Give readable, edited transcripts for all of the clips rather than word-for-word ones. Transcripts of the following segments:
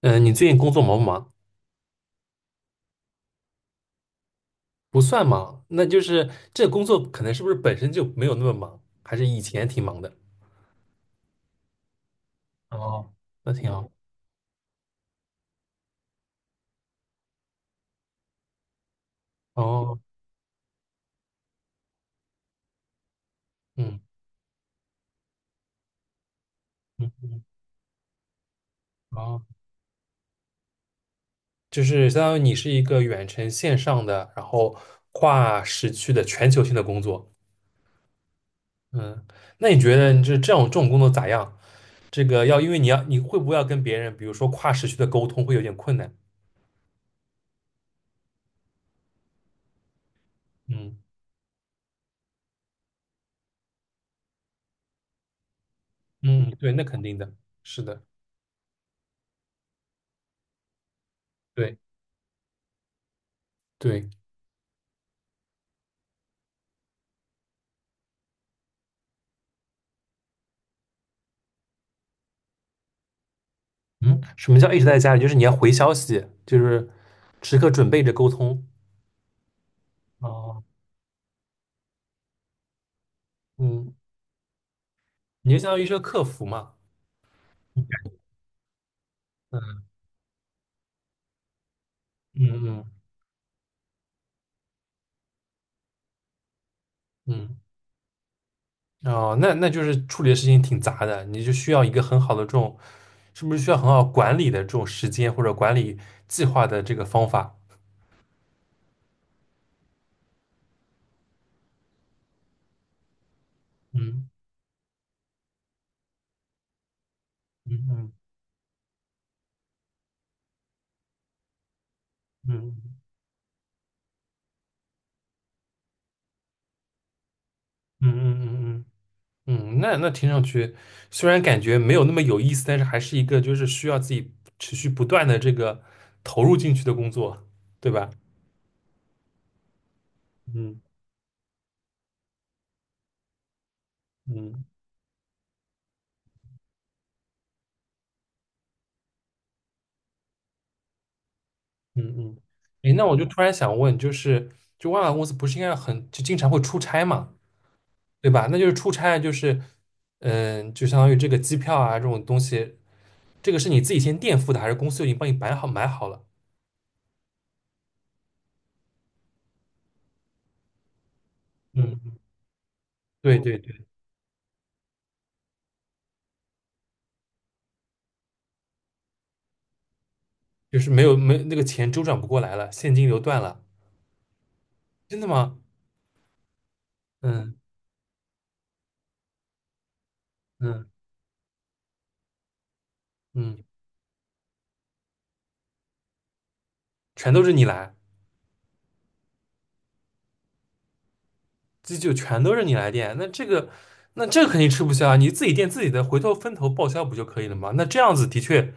嗯，你最近工作忙不忙？不算忙，那就是这工作可能是不是本身就没有那么忙，还是以前挺忙的？哦，那挺好。哦，嗯嗯，哦，就是相当于你是一个远程线上的，然后跨时区的全球性的工作。嗯，那你觉得你这种工作咋样？这个要因为你会不会要跟别人，比如说跨时区的沟通会有点困难？嗯嗯，对，那肯定的，是的，对对。嗯，什么叫一直在家里？就是你要回消息，就是时刻准备着沟通。哦，嗯，你就相当于是个客服嘛。嗯嗯嗯嗯。哦，那就是处理的事情挺杂的，你就需要一个很好的这种，是不是需要很好管理的这种时间或者管理计划的这个方法？嗯嗯嗯嗯嗯嗯嗯嗯。嗯嗯嗯，那听上去虽然感觉没有那么有意思，但是还是一个就是需要自己持续不断的这个投入进去的工作，对吧？嗯嗯嗯嗯。诶，那我就突然想问，就是外贸公司不是应该就经常会出差嘛，对吧？那就是出差就相当于这个机票啊这种东西，这个是你自己先垫付的，还是公司就已经帮你摆好买好了？嗯，对对对，就是没那个钱周转不过来了，现金流断了，真的吗？嗯。嗯嗯，全都是你来，这就全都是你来垫，那这个肯定吃不消啊，你自己垫自己的，回头分头报销不就可以了吗？那这样子的确，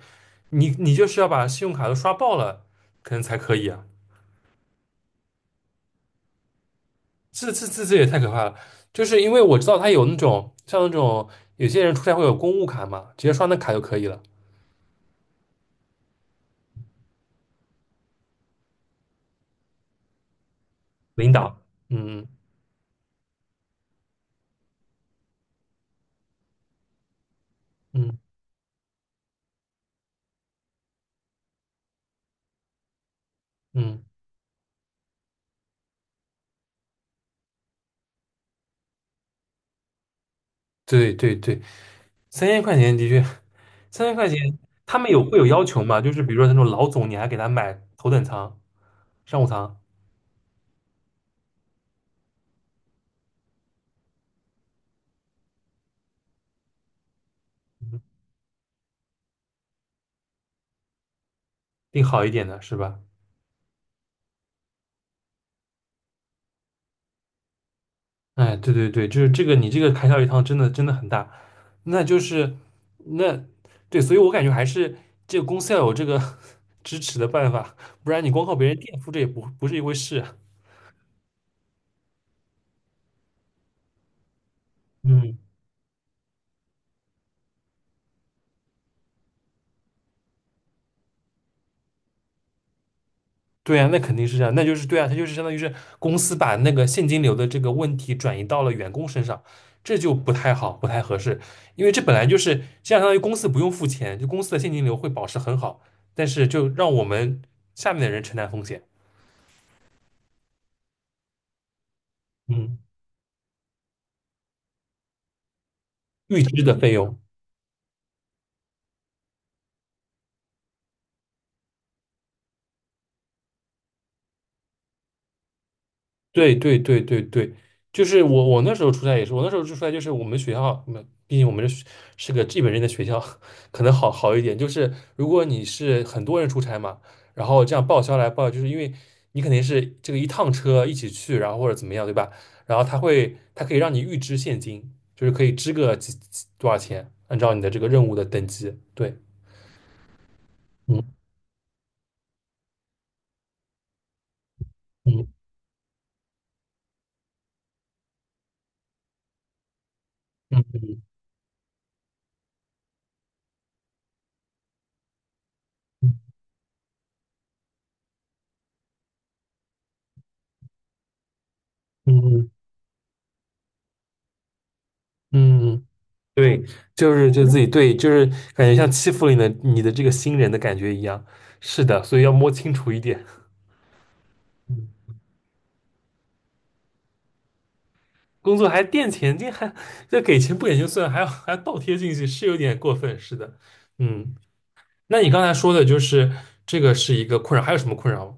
你就是要把信用卡都刷爆了，可能才可以啊，这也太可怕了，就是因为我知道他有那种像那种有些人出差会有公务卡嘛，直接刷那卡就可以了，领导，嗯嗯嗯，嗯，对对对，三千块钱的确，三千块钱他们会有要求嘛？就是比如说那种老总，你还给他买头等舱。商务舱订好一点的是吧？哎，对对对，就是这个，你这个开销一趟真的真的很大，那就是那对，所以我感觉还是这个公司要有这个 支持的办法，不然你光靠别人垫付这也不是一回事。嗯。对啊，那肯定是这样，那就是对啊，它就是相当于是公司把那个现金流的这个问题转移到了员工身上，这就不太好，不太合适，因为这本来就是这样，相当于公司不用付钱，就公司的现金流会保持很好，但是就让我们下面的人承担风险，嗯，预支的费用。对对对对对，就是我那时候出差也是，我那时候出差就是我们学校，毕竟我们是个日本人的学校，可能好好一点。就是如果你是很多人出差嘛，然后这样报销来报销就是因为你肯定是这个一趟车一起去，然后或者怎么样，对吧？然后他可以让你预支现金，就是可以支个几多少钱，按照你的这个任务的等级。对，嗯嗯嗯嗯嗯嗯。对，就是就自己对，就是感觉像欺负了你的这个新人的感觉一样。是的，所以要摸清楚一点。嗯，工作还垫钱，这还给钱不给就算，还要倒贴进去，是有点过分。是的，嗯，那你刚才说的就是这个是一个困扰，还有什么困扰吗？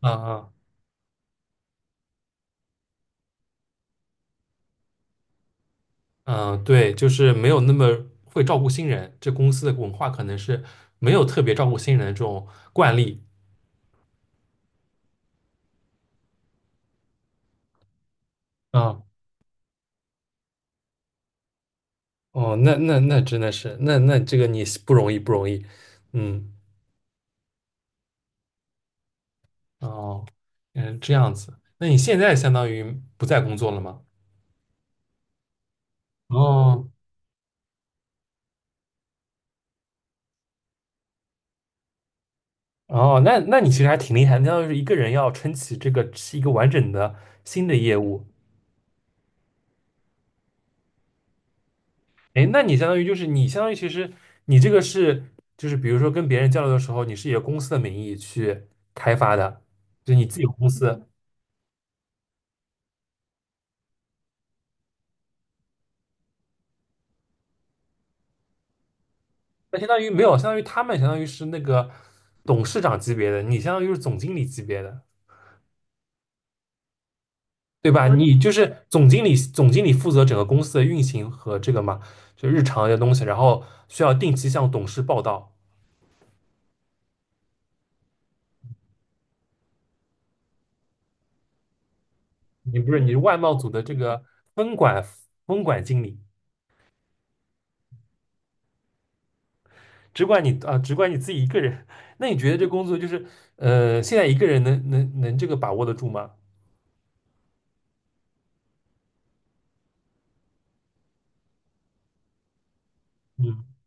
啊啊嗯，对，就是没有那么会照顾新人，这公司的文化可能是没有特别照顾新人的这种惯例。哦，那真的是，那这个你是不容易不容易，嗯，哦，嗯，这样子，那你现在相当于不再工作了吗？哦，哦，那你其实还挺厉害的，相当于是一个人要撑起这个是一个完整的新的业务。哎，那你相当于其实你这个是就是比如说跟别人交流的时候，你是以公司的名义去开发的，就你自己有公司，那相当于没有，相当于他们相当于是那个董事长级别的，你相当于是总经理级别的。对吧？你就是总经理，总经理负责整个公司的运行和这个嘛，就日常的东西，然后需要定期向董事报道。你不是，你是外贸组的这个分管分管经理，只管你啊，只管你自己一个人。那你觉得这工作就是现在一个人能这个把握得住吗？嗯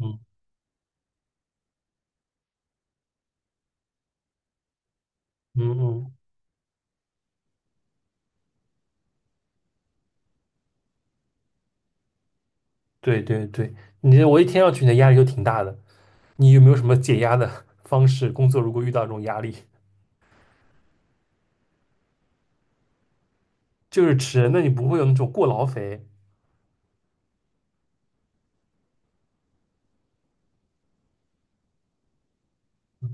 嗯嗯嗯，对对对，我一听上去你的压力就挺大的。你有没有什么解压的方式？工作如果遇到这种压力，就是吃，那你不会有那种过劳肥？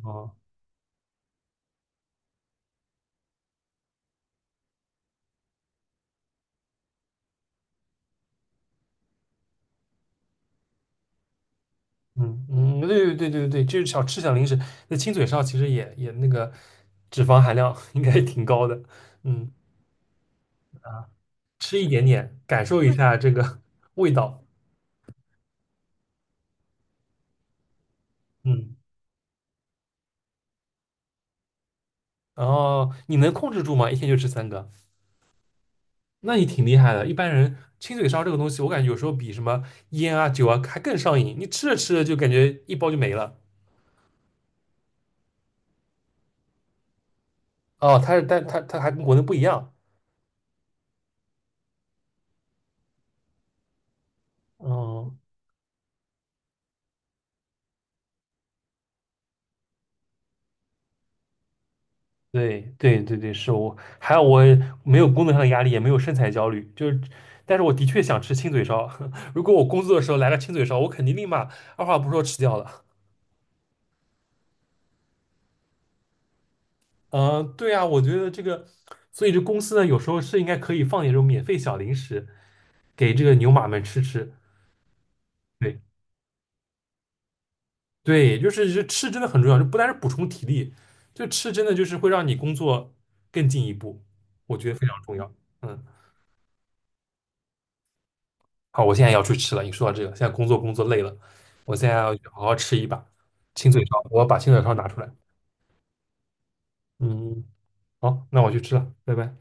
啊？嗯嗯，对对对对对，就是小吃小零食，那亲嘴烧其实也那个脂肪含量 应该挺高的，嗯，吃一点点，感受一下这个 味道，嗯，然后你能控制住吗？一天就吃三个，那你挺厉害的。一般人亲嘴烧这个东西，我感觉有时候比什么烟啊酒啊还更上瘾，你吃着吃着就感觉一包就没了。哦，但它还跟国内不一样，哦对对对对，是我，还有我没有工作上的压力，也没有身材焦虑，就是，但是我的确想吃亲嘴烧。如果我工作的时候来个亲嘴烧，我肯定立马二话不说吃掉了。嗯、对啊，我觉得这个，所以这公司呢，有时候是应该可以放点这种免费小零食给这个牛马们吃吃。对对，就是这吃真的很重要，就不单是补充体力，就吃真的就是会让你工作更进一步，我觉得非常重要。嗯。好，我现在要去吃了。你说到这个，现在工作累了，我现在要去好好吃一把清嘴烧。我要把清嘴烧拿出来。嗯，好，那我去吃了，拜拜。